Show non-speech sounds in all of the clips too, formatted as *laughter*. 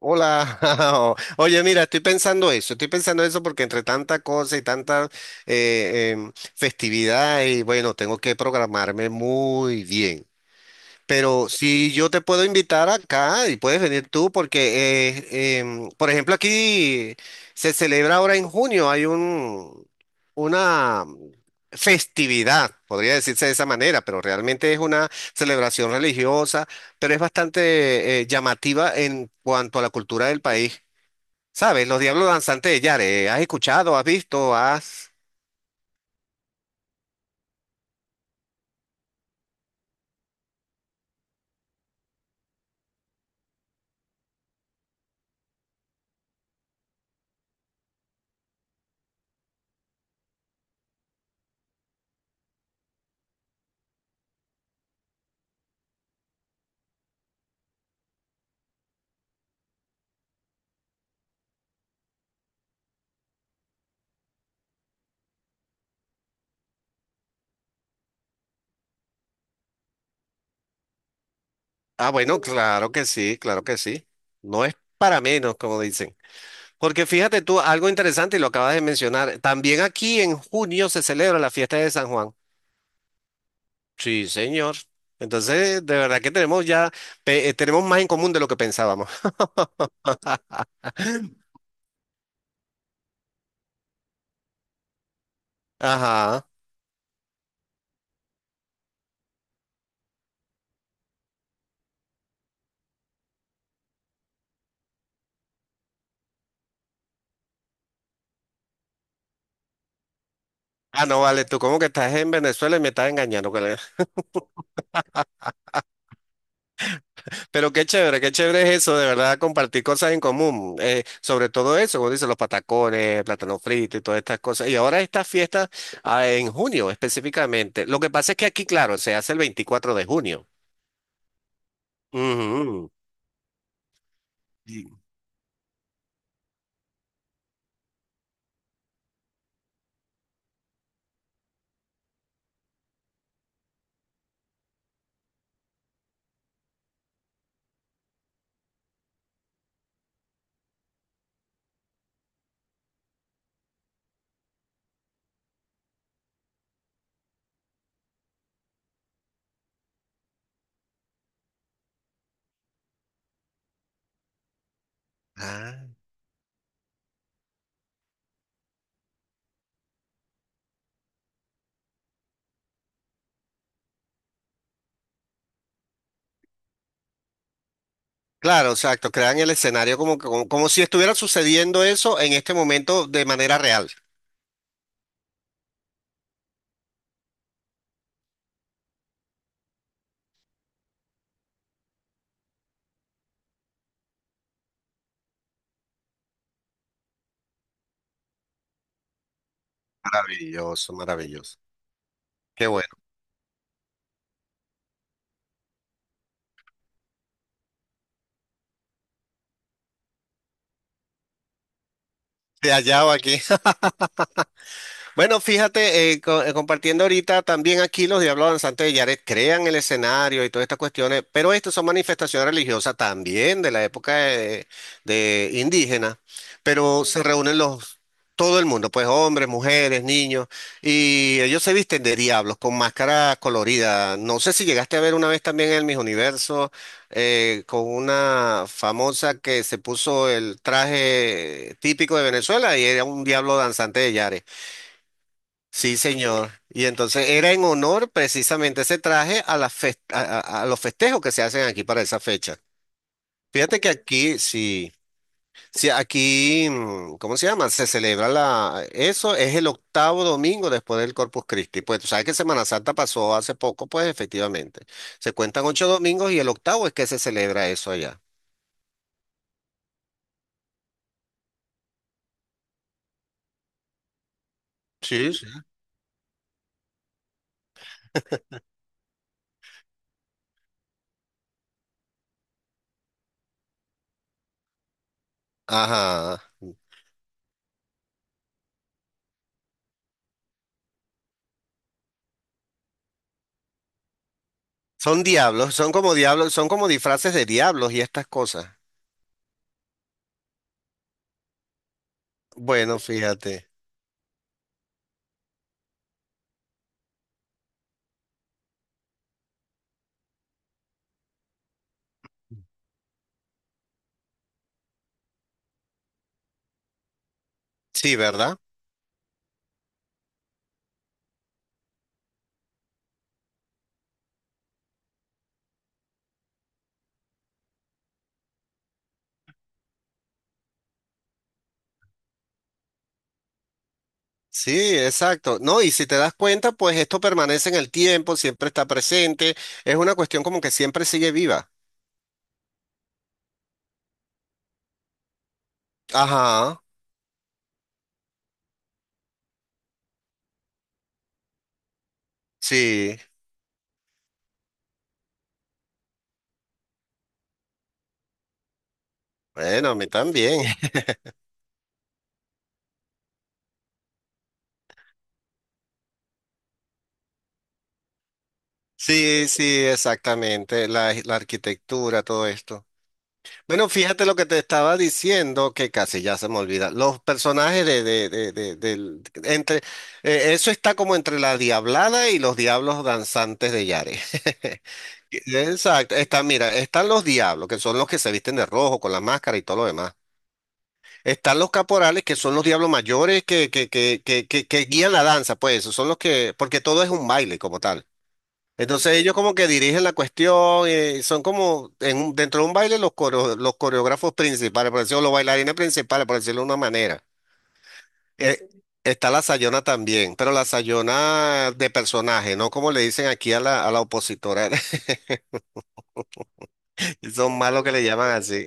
Hola, *laughs* oye, mira, estoy pensando eso porque entre tanta cosa y tanta festividad y bueno, tengo que programarme muy bien. Pero si yo te puedo invitar acá y puedes venir tú porque, por ejemplo, aquí se celebra ahora en junio, hay un, una festividad, podría decirse de esa manera, pero realmente es una celebración religiosa, pero es bastante llamativa en cuanto a la cultura del país. ¿Sabes? Los Diablos Danzantes de Yare, ¿has escuchado, has visto, has... Ah, bueno, claro que sí, claro que sí. No es para menos, como dicen. Porque fíjate tú, algo interesante y lo acabas de mencionar, también aquí en junio se celebra la fiesta de San Juan. Sí, señor. Entonces, de verdad que tenemos ya, tenemos más en común de lo que pensábamos. Ajá. Ah, no, vale, tú como que estás en Venezuela y me estás engañando, colega. *laughs* Pero qué chévere es eso, de verdad, compartir cosas en común. Sobre todo eso, como dicen, los patacones, plátano frito y todas estas cosas. Y ahora esta fiesta, ah, en junio específicamente. Lo que pasa es que aquí, claro, se hace el 24 de junio. Ujú. Ah, claro, exacto. Crean el escenario como, como, como si estuviera sucediendo eso en este momento de manera real. Maravilloso, maravilloso. Qué bueno. Te hallado aquí. Bueno, fíjate, compartiendo ahorita también aquí los Diablos Danzantes de Yaret crean el escenario y todas estas cuestiones, pero estas son manifestaciones religiosas también de la época de indígena, pero se reúnen los, todo el mundo, pues hombres, mujeres, niños, y ellos se visten de diablos con máscaras coloridas. No sé si llegaste a ver una vez también el Miss Universo con una famosa que se puso el traje típico de Venezuela y era un diablo danzante de Yaret. Sí, señor. Y entonces era en honor precisamente ese traje a, las fes- a los festejos que se hacen aquí para esa fecha. Fíjate que aquí, sí, sí, aquí, ¿cómo se llama? Se celebra la, eso es el octavo domingo después del Corpus Christi. Pues tú sabes que Semana Santa pasó hace poco, pues efectivamente. Se cuentan 8 domingos y el octavo es que se celebra eso allá. Sí, sí. Ajá. Son diablos, son como disfraces de diablos y estas cosas. Bueno, fíjate. Sí, ¿verdad? Sí, exacto. No, y si te das cuenta, pues esto permanece en el tiempo, siempre está presente. Es una cuestión como que siempre sigue viva. Ajá, sí. Bueno, a mí también. *laughs* Sí, sí, exactamente. La arquitectura, todo esto. Bueno, fíjate lo que te estaba diciendo, que casi ya se me olvida. Los personajes entre, eso está como entre la Diablada y los Diablos Danzantes de Yare. *laughs* Exacto. Está, mira, están los diablos, que son los que se visten de rojo con la máscara y todo lo demás. Están los caporales, que son los diablos mayores que guían la danza, pues, esos son los que, porque todo es un baile como tal. Entonces ellos como que dirigen la cuestión, son como en dentro de un baile los, los coreógrafos principales, por decirlo, los bailarines principales, por decirlo de una manera. Eh, Está la Sayona también, pero la Sayona de personaje, no como le dicen aquí a la opositora. *laughs* Son malos que le llaman así.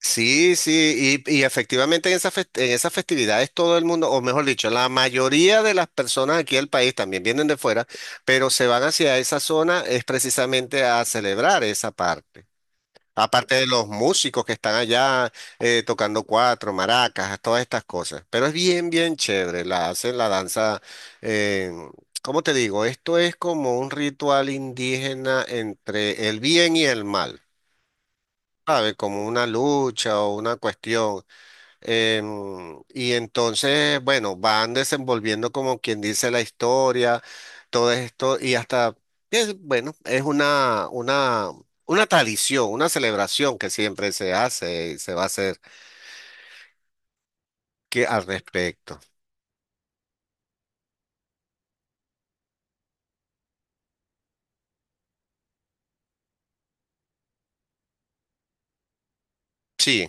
Sí, sí, y efectivamente en en esas festividades todo el mundo, o mejor dicho, la mayoría de las personas aquí del país también vienen de fuera, pero se van hacia esa zona es precisamente a celebrar esa parte. Aparte de los músicos que están allá tocando cuatro, maracas, todas estas cosas. Pero es bien, bien chévere. La hacen la danza. eh, ¿Cómo te digo? Esto es como un ritual indígena entre el bien y el mal. Sabe, como una lucha o una cuestión. Y entonces, bueno, van desenvolviendo como quien dice la historia, todo esto, y hasta, es, bueno, es una tradición, una celebración que siempre se hace y se va a hacer que, al respecto. Sí,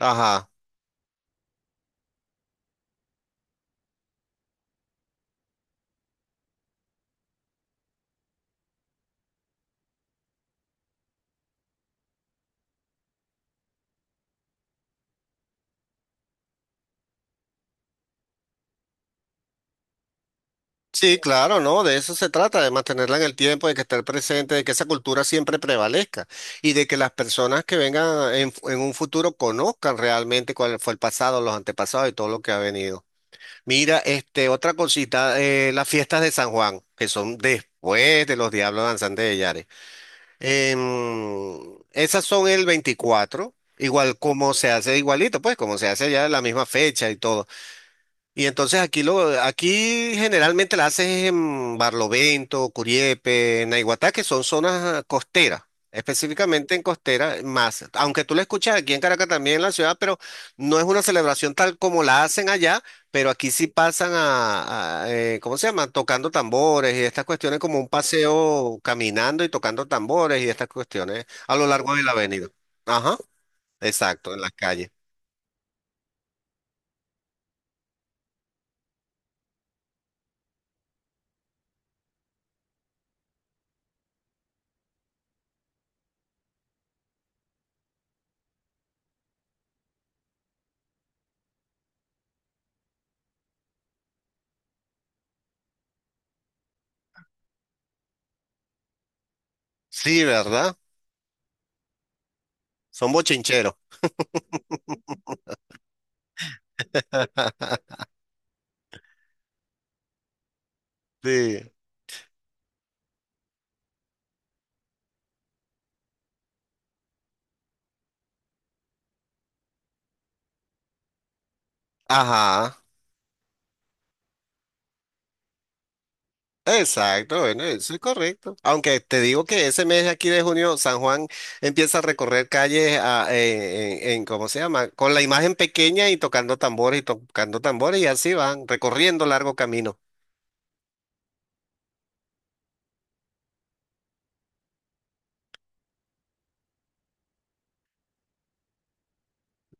ajá. Sí, claro, ¿no? De eso se trata, de mantenerla en el tiempo, de que esté presente, de que esa cultura siempre prevalezca y de que las personas que vengan en un futuro conozcan realmente cuál fue el pasado, los antepasados y todo lo que ha venido. Mira, este, otra cosita, las fiestas de San Juan, que son después de los Diablos Danzantes de Yare. Esas son el 24, igual como se hace, igualito, pues como se hace ya en la misma fecha y todo. Y entonces aquí lo, aquí generalmente la haces en Barlovento, Curiepe, Naiguatá, que son zonas ah, costeras, específicamente en costera más. Aunque tú la escuchas aquí en Caracas también en la ciudad, pero no es una celebración tal como la hacen allá, pero aquí sí pasan a, ¿cómo se llama? Tocando tambores y estas cuestiones como un paseo caminando y tocando tambores y estas cuestiones a lo largo de la avenida. Ajá, exacto, en las calles. Sí, ¿verdad? Son bochincheros. *laughs* Sí. Ajá. Exacto, bueno, eso es correcto. Aunque te digo que ese mes aquí de junio, San Juan empieza a recorrer calles ¿cómo se llama? Con la imagen pequeña y tocando tambores y tocando tambores y así van, recorriendo largo camino.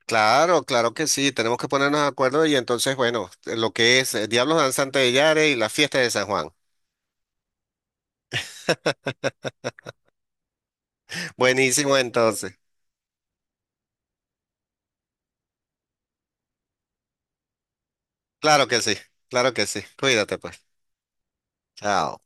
Claro, claro que sí, tenemos que ponernos de acuerdo y entonces, bueno, lo que es Diablos Danzantes de Yare y la fiesta de San Juan. Buenísimo entonces. Claro que sí, claro que sí. Cuídate pues. Chao.